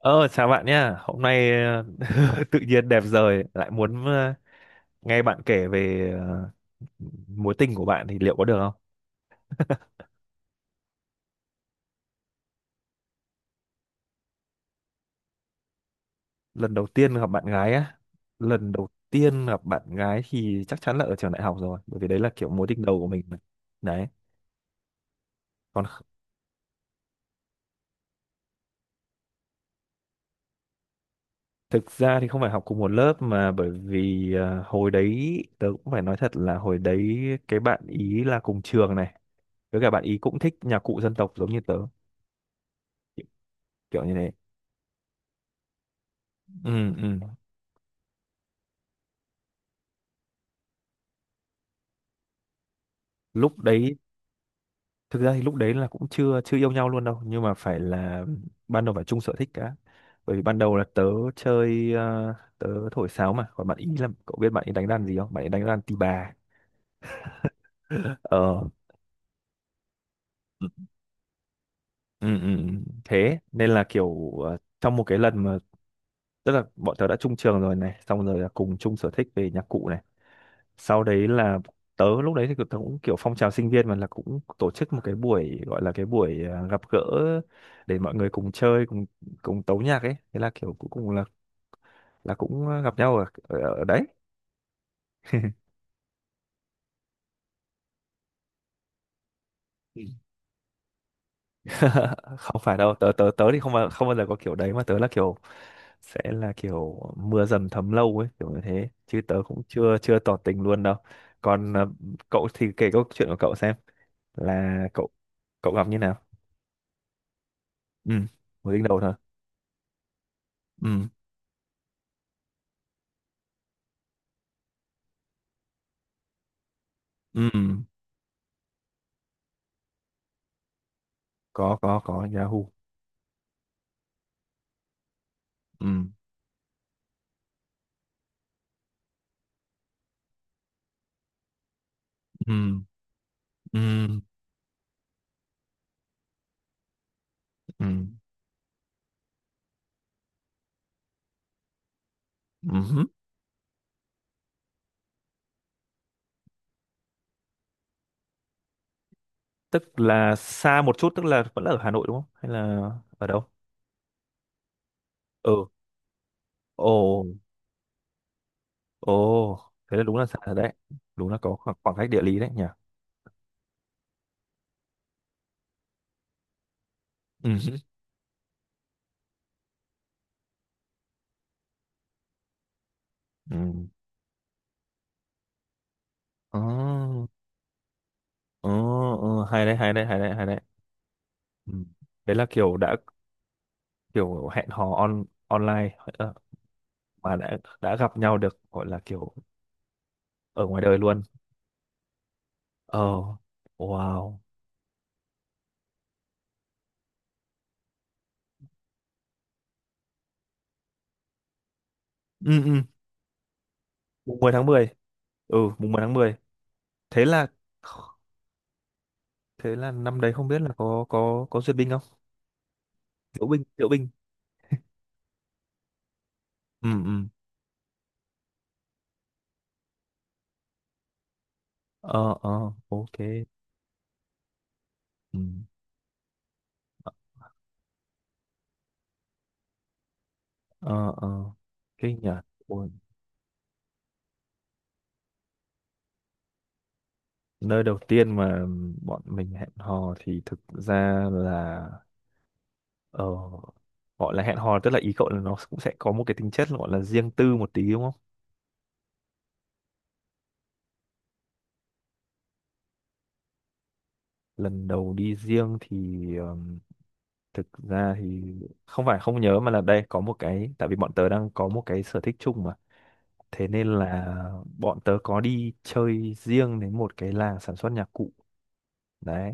Ờ, Chào bạn nhá. Hôm nay tự nhiên đẹp giời lại muốn nghe bạn kể về mối tình của bạn thì liệu có được không? Lần đầu tiên gặp bạn gái á, lần đầu tiên gặp bạn gái thì chắc chắn là ở trường đại học rồi, bởi vì đấy là kiểu mối tình đầu của mình mà. Đấy. Còn kh- Thực ra thì không phải học cùng một lớp mà bởi vì hồi đấy tớ cũng phải nói thật là hồi đấy cái bạn ý là cùng trường này, với cả bạn ý cũng thích nhạc cụ dân tộc giống như tớ, kiểu như thế. Ừ, ừ, lúc đấy thực ra thì lúc đấy là cũng chưa chưa yêu nhau luôn đâu, nhưng mà phải là ban đầu phải chung sở thích cả, bởi vì ban đầu là tớ chơi tớ thổi sáo, mà còn bạn ý, là cậu biết bạn ý đánh đàn gì không, bạn ý đánh đàn tỳ bà. Ờ, ừ, ừ, ừ. Thế nên là kiểu trong một cái lần mà tức là bọn tớ đã chung trường rồi này, xong rồi là cùng chung sở thích về nhạc cụ này, sau đấy là tớ lúc đấy thì tớ cũng kiểu phong trào sinh viên mà, là cũng tổ chức một cái buổi, gọi là cái buổi gặp gỡ để mọi người cùng chơi cùng cùng tấu nhạc ấy, thế là kiểu cuối cùng là cũng gặp nhau ở ở đấy. Ừ. Không phải đâu, tớ tớ tớ thì không bao giờ có kiểu đấy, mà tớ là kiểu sẽ là kiểu mưa dầm thấm lâu ấy, kiểu như thế, chứ tớ cũng chưa chưa tỏ tình luôn đâu. Còn cậu thì kể câu chuyện của cậu xem, là cậu cậu gặp như nào. Ừ, mới đính đầu thôi. Ừ, ừ, có Yahoo. Ừ, ừ, ừ, ừ, ừ, tức là xa một chút tức là vẫn là ở Hà Nội đúng không, hay là ở đâu? Ừ, ồ, ồ, thế là đúng là xa rồi đấy, đúng là có khoảng, khoảng cách địa lý đấy nhỉ. Ừ, ừ, ờ, ờ, ờ, hay đấy, hay đấy, hay đấy, hay đấy. Ừ. Đấy là kiểu đã kiểu hẹn hò on online mà đã gặp nhau, được gọi là kiểu ở ngoài đời luôn. Ờ, wow. Ừ, ừ, mùng 10 tháng 10. Ừ mùng 10 tháng mười. Thế là thế là năm đấy không biết là có duyệt binh không, diễu binh, diễu binh. Ừ, ừ, ờ, ờ, ok. Ừ, ờ, ờ, kinh nhỉ. Ôi, nơi đầu tiên mà bọn mình hẹn hò thì thực ra là ờ gọi là hẹn hò, tức là ý cậu là nó cũng sẽ có một cái tính chất gọi là riêng tư một tí đúng không, lần đầu đi riêng thì thực ra thì không phải không nhớ, mà là đây có một cái, tại vì bọn tớ đang có một cái sở thích chung mà. Thế nên là bọn tớ có đi chơi riêng đến một cái làng sản xuất nhạc cụ. Đấy,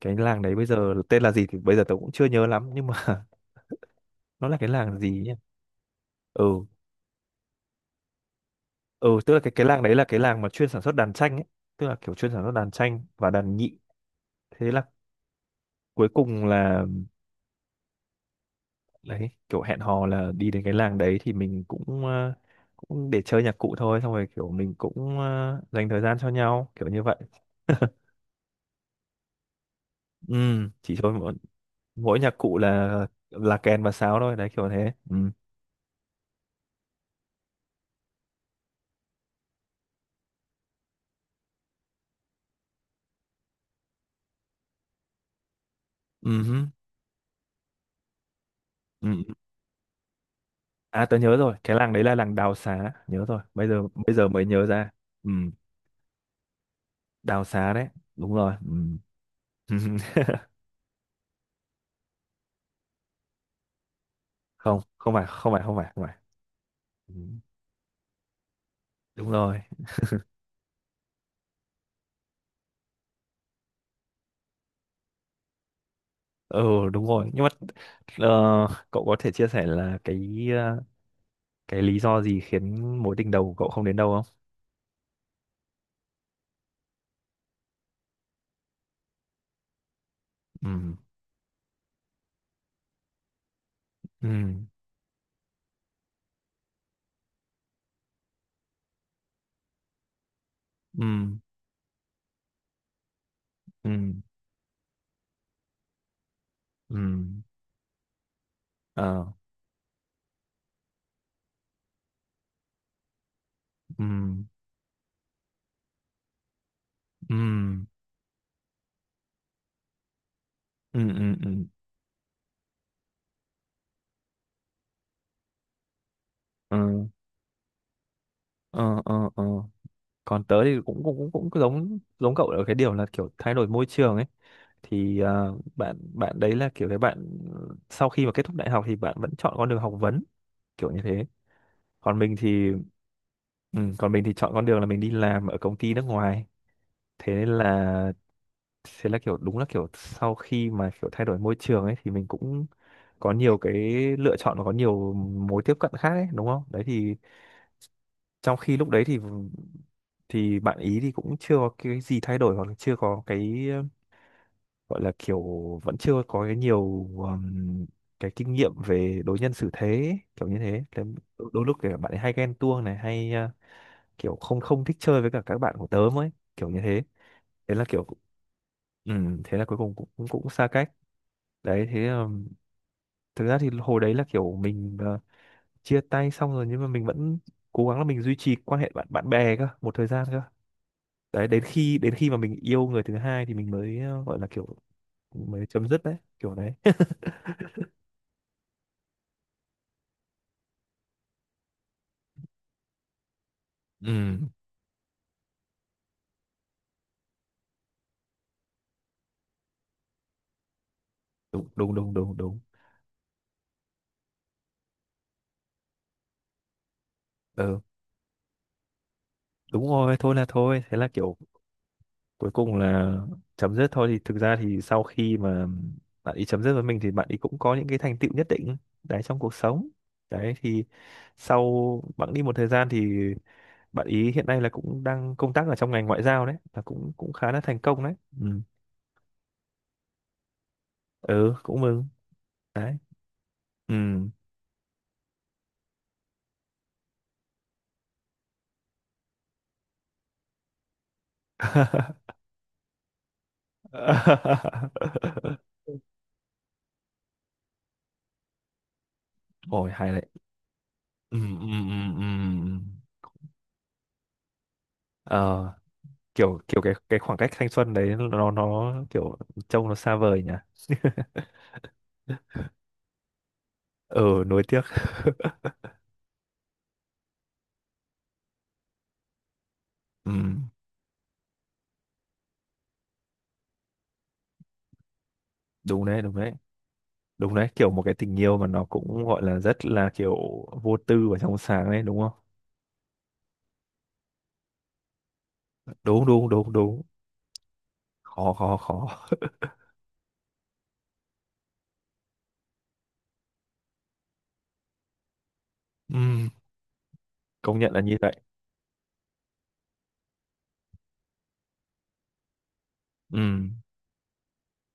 cái làng đấy bây giờ tên là gì thì bây giờ tớ cũng chưa nhớ lắm, nhưng mà nó là cái làng gì nhỉ? Ừ, ừ, tức là cái làng đấy là cái làng mà chuyên sản xuất đàn tranh ấy, tức là kiểu chuyên sản xuất đàn tranh và đàn nhị. Thế là cuối cùng là đấy, kiểu hẹn hò là đi đến cái làng đấy, thì mình cũng cũng để chơi nhạc cụ thôi, xong rồi kiểu mình cũng dành thời gian cho nhau kiểu như vậy. Ừ, chỉ thôi mỗi nhạc cụ là kèn và sáo thôi đấy kiểu thế ừ. Ừ, hứ, ừ. À tớ nhớ rồi, cái làng đấy là làng Đào Xá, nhớ rồi. Bây giờ mới nhớ ra. Ừ, Đào Xá đấy, đúng rồi. Ừ. Không, không phải, không phải, không phải, không phải. Ừ. Đúng rồi. Ừ, đúng rồi. Nhưng mà ờ, cậu có thể chia sẻ là cái cái lý do gì khiến mối tình đầu của cậu không đến đâu không? Ừ. Ừ. Ừ. Ừ. Ừ. Ờ. Ừ. Ừ. Ừ. Ừ. Ừ. Ừ, ờ, ờ, ờ, còn tớ thì cũng cũng cũng cũng giống giống cậu ở cái điều là kiểu thay đổi môi trường ấy, thì bạn bạn đấy là kiểu cái bạn sau khi mà kết thúc đại học thì bạn vẫn chọn con đường học vấn kiểu như thế, còn mình thì, ừ, còn mình thì chọn con đường là mình đi làm ở công ty nước ngoài. Thế nên là thế là kiểu đúng là kiểu sau khi mà kiểu thay đổi môi trường ấy thì mình cũng có nhiều cái lựa chọn và có nhiều mối tiếp cận khác ấy, đúng không, đấy thì trong khi lúc đấy thì bạn ý thì cũng chưa có cái gì thay đổi, hoặc là chưa có cái gọi là kiểu vẫn chưa có cái nhiều cái kinh nghiệm về đối nhân xử thế ấy, kiểu như thế. Thế đôi, đôi lúc thì bạn ấy hay ghen tuông này, hay kiểu không không thích chơi với cả các bạn của tớ ấy kiểu như thế, thế là kiểu thế là cuối cùng cũng cũng, cũng xa cách. Đấy, thế thực ra thì hồi đấy là kiểu mình chia tay xong rồi, nhưng mà mình vẫn cố gắng là mình duy trì quan hệ bạn bạn bè cơ một thời gian cơ. Đấy, đến khi mà mình yêu người thứ hai thì mình mới gọi là kiểu mới chấm dứt đấy kiểu đấy. Ừ, đúng, đúng, đúng, đúng, đúng. Ờ, đúng rồi, thôi là thôi, thế là kiểu cuối cùng là chấm dứt thôi. Thì thực ra thì sau khi mà bạn ấy chấm dứt với mình thì bạn ấy cũng có những cái thành tựu nhất định đấy trong cuộc sống. Đấy thì sau bạn đi một thời gian thì bạn ý hiện nay là cũng đang công tác ở trong ngành ngoại giao đấy, là cũng cũng khá là thành công đấy. Ừ, ừ cũng mừng đấy. Ừ. Ôi hay đấy. Ừ, ừ, ừ, ừ. Ờ, kiểu kiểu cái khoảng cách thanh xuân đấy nó kiểu trông nó xa vời nhỉ. Ừ, nuối tiếc. Ừ, đúng đấy, đúng đấy. Đúng đấy, kiểu một cái tình yêu mà nó cũng gọi là rất là kiểu vô tư và trong sáng đấy, đúng không? Đúng, đúng, đúng, đúng. Khó, khó, khó. Ừ, công nhận là như vậy. Ừ,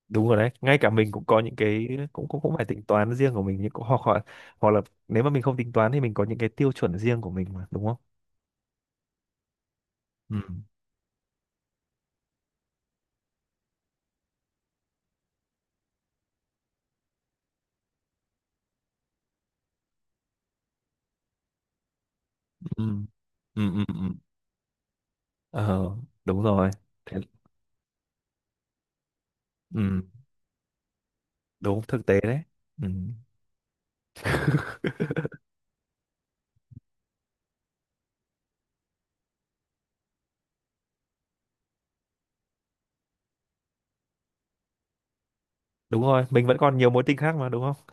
đúng rồi đấy, ngay cả mình cũng có những cái cũng cũng cũng phải tính toán riêng của mình, nhưng cũng hoặc hoặc hoặc là, nếu mà mình không tính toán thì mình có những cái tiêu chuẩn riêng của mình mà đúng không. Ừ, ừ, ừ, ừ, ừ, ờ, đúng rồi. Thế, ừ, đúng thực tế đấy. Ừ, đúng rồi, mình vẫn còn nhiều mối tình khác mà đúng không.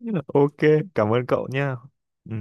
Ok, cảm ơn cậu nha. Ừ.